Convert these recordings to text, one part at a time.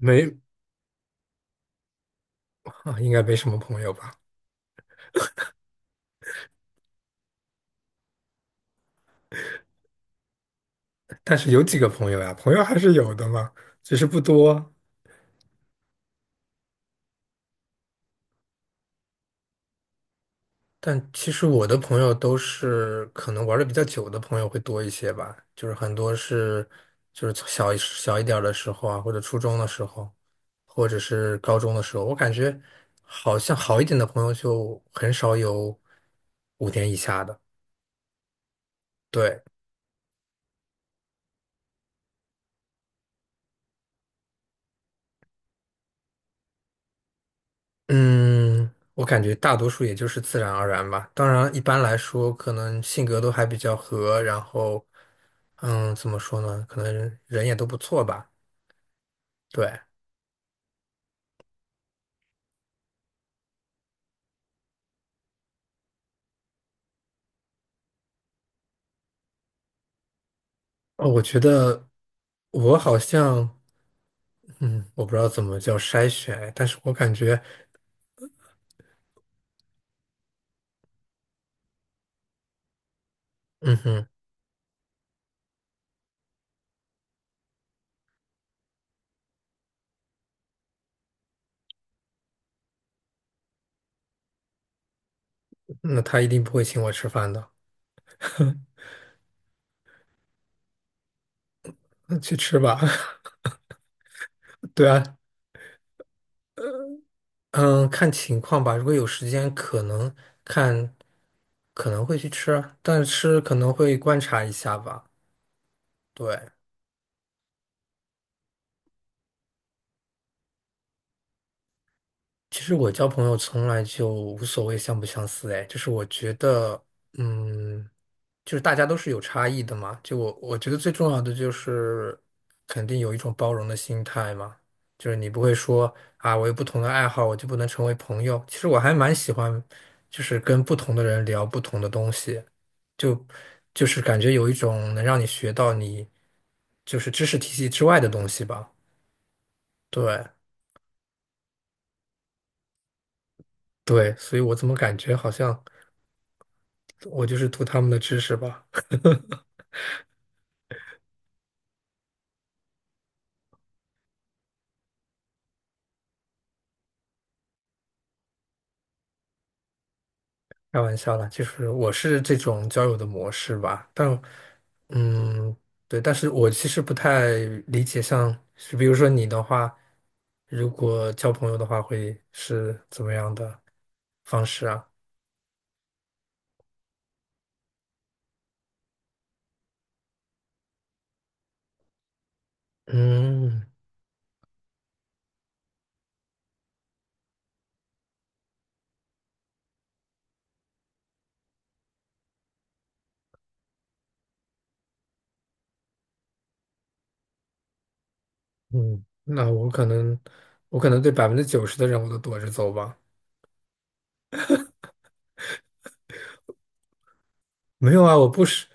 没，啊应该没什么朋友吧？但是有几个朋友呀，朋友还是有的嘛，只是不多。但其实我的朋友都是可能玩的比较久的朋友会多一些吧，就是很多就是从小一小一点儿的时候啊，或者初中的时候，或者是高中的时候，我感觉好像好一点的朋友就很少有5年以下的。对，嗯，我感觉大多数也就是自然而然吧。当然，一般来说，可能性格都还比较合，然后，怎么说呢？可能人也都不错吧。对，哦，我觉得我好像，嗯，我不知道怎么叫筛选，但是我感觉，嗯哼。那他一定不会请我吃饭的。那去吃吧。对啊，嗯，看情况吧。如果有时间，看，可能会去吃啊但是可能会观察一下吧。对，其实我交朋友从来就无所谓相不相似，哎，就是我觉得，嗯。就是大家都是有差异的嘛。就我觉得最重要的就是肯定有一种包容的心态嘛，就是你不会说啊，我有不同的爱好，我就不能成为朋友。其实我还蛮喜欢，就是跟不同的人聊不同的东西，就感觉有一种能让你学到你就是知识体系之外的东西吧。对对，所以我怎么感觉好像我就是图他们的知识吧。开玩笑了，就是我是这种交友的模式吧，但嗯，对，但是我其实不太理解像，是比如说你的话，如果交朋友的话，会是怎么样的方式啊？嗯嗯，那我可能，我可能对90%的人我都躲着走吧。没有啊，我不是，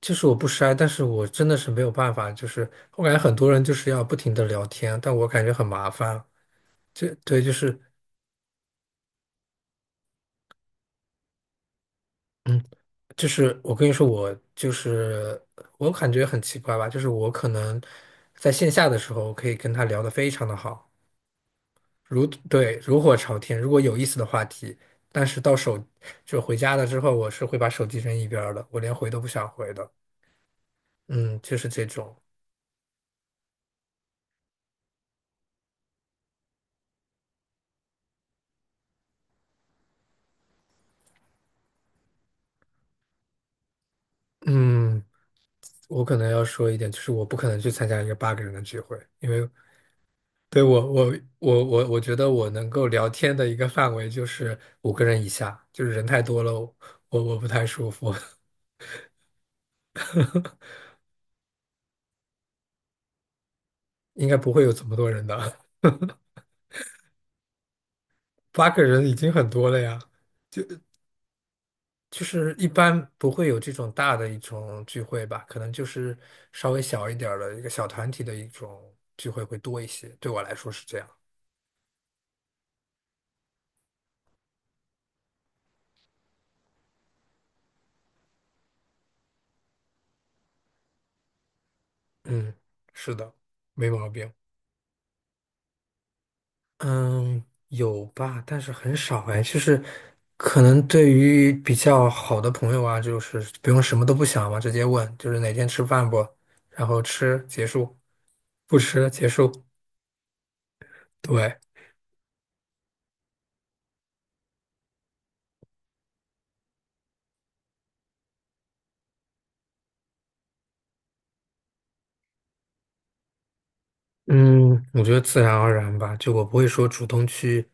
就是我不筛，但是我真的是没有办法，就是我感觉很多人就是要不停的聊天，但我感觉很麻烦。就对，就是。嗯。就是我跟你说，我就是我感觉很奇怪吧，就是我可能在线下的时候可以跟他聊得非常的好，如火朝天，如果有意思的话题，但是到手就回家了之后，我是会把手机扔一边儿的，我连回都不想回的。嗯，就是这种。嗯，我可能要说一点，就是我不可能去参加一个八个人的聚会，因为对，我觉得我能够聊天的一个范围就是5个人以下，就是人太多了，我不太舒服。应该不会有这么多人的。8个人已经很多了呀，就是一般不会有这种大的一种聚会吧，可能就是稍微小一点儿的一个小团体的一种聚会会多一些，对我来说是这样。嗯，是的，没毛病。嗯，有吧，但是很少哎。就是可能对于比较好的朋友啊，就是不用什么都不想嘛，直接问，就是哪天吃饭不，然后吃结束，不吃结束。对，嗯，我觉得自然而然吧，就我不会说主动去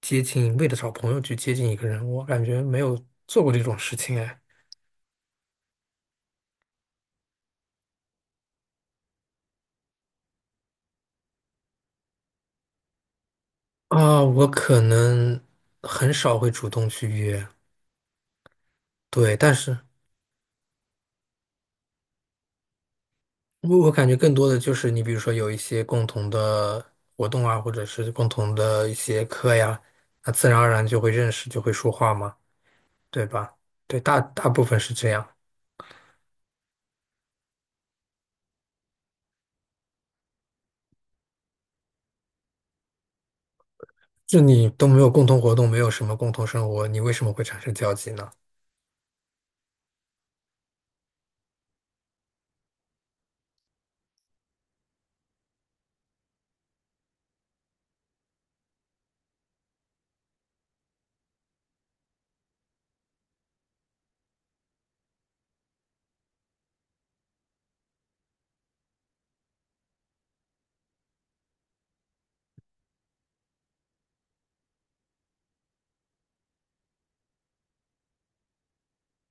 接近，为了找朋友去接近一个人，我感觉没有做过这种事情哎。啊，我可能很少会主动去约，对，但是。我感觉更多的就是你比如说有一些共同的活动啊，或者是共同的一些课呀，那自然而然就会认识，就会说话嘛，对吧？对，大部分是这样。就你都没有共同活动，没有什么共同生活，你为什么会产生交集呢？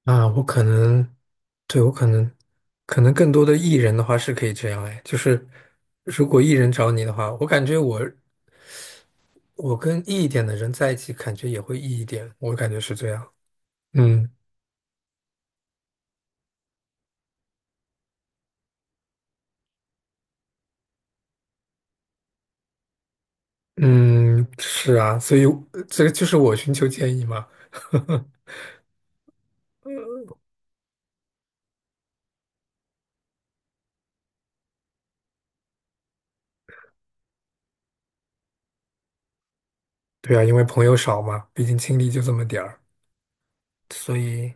啊，我可能，对，我可能，可能更多的艺人的话是可以这样哎，就是如果艺人找你的话，我感觉我跟 E 一点的人在一起，感觉也会 E 一点，我感觉是这样。嗯。嗯，是啊，所以这个就是我寻求建议嘛。对啊，因为朋友少嘛，毕竟精力就这么点儿，所以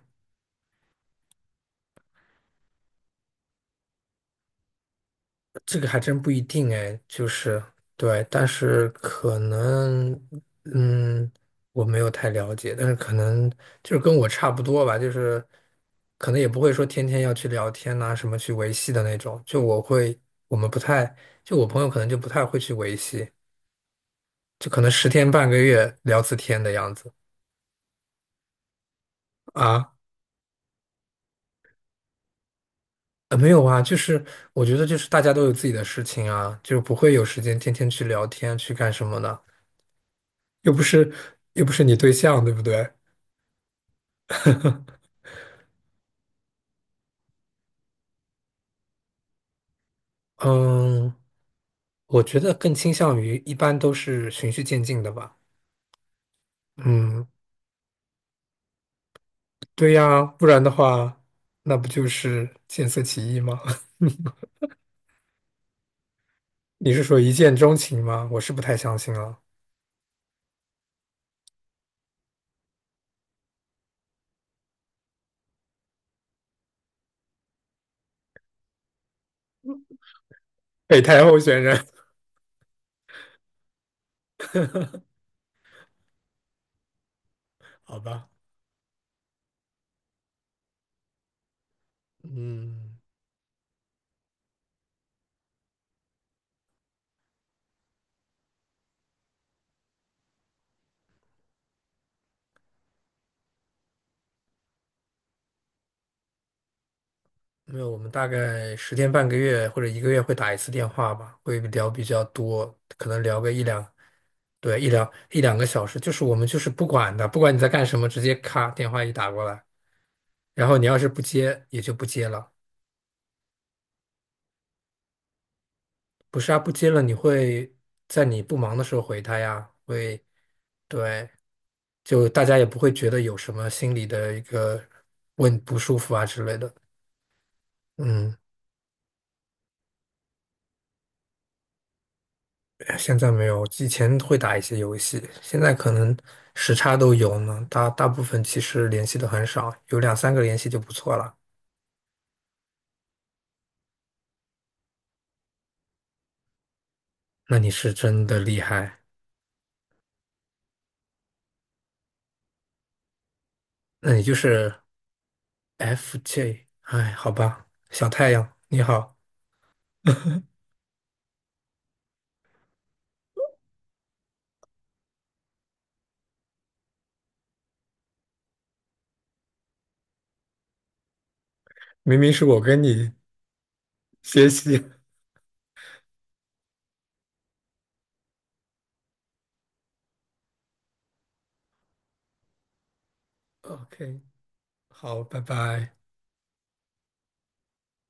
这个还真不一定哎。就是对，但是可能，嗯，我没有太了解，但是可能就是跟我差不多吧，就是可能也不会说天天要去聊天呐、什么去维系的那种。就我会，我们不太，就我朋友可能就不太会去维系，就可能十天半个月聊次天的样子。啊。没有啊，就是我觉得就是大家都有自己的事情啊，就不会有时间天天去聊天去干什么的，又不是又不是你对象，对不对？嗯，我觉得更倾向于一般都是循序渐进的吧。嗯，对呀，不然的话，那不就是见色起意吗？你是说一见钟情吗？我是不太相信啊。北台候选人。好吧，嗯。没有，我们大概十天半个月或者一个月会打一次电话吧，会聊比较多，可能聊个对，一两个小时，就是我们就是不管的，不管你在干什么，直接咔电话一打过来，然后你要是不接也就不接了，不是啊，不接了你会在你不忙的时候回他呀，会，对，就大家也不会觉得有什么心理的一个问不舒服啊之类的。嗯。哎现在没有，以前会打一些游戏，现在可能时差都有呢。大部分其实联系的很少，有两三个联系就不错了。那你是真的厉害，那你就是 FJ。哎，好吧，小太阳，你好，明明是我跟你学习。OK，好，拜拜。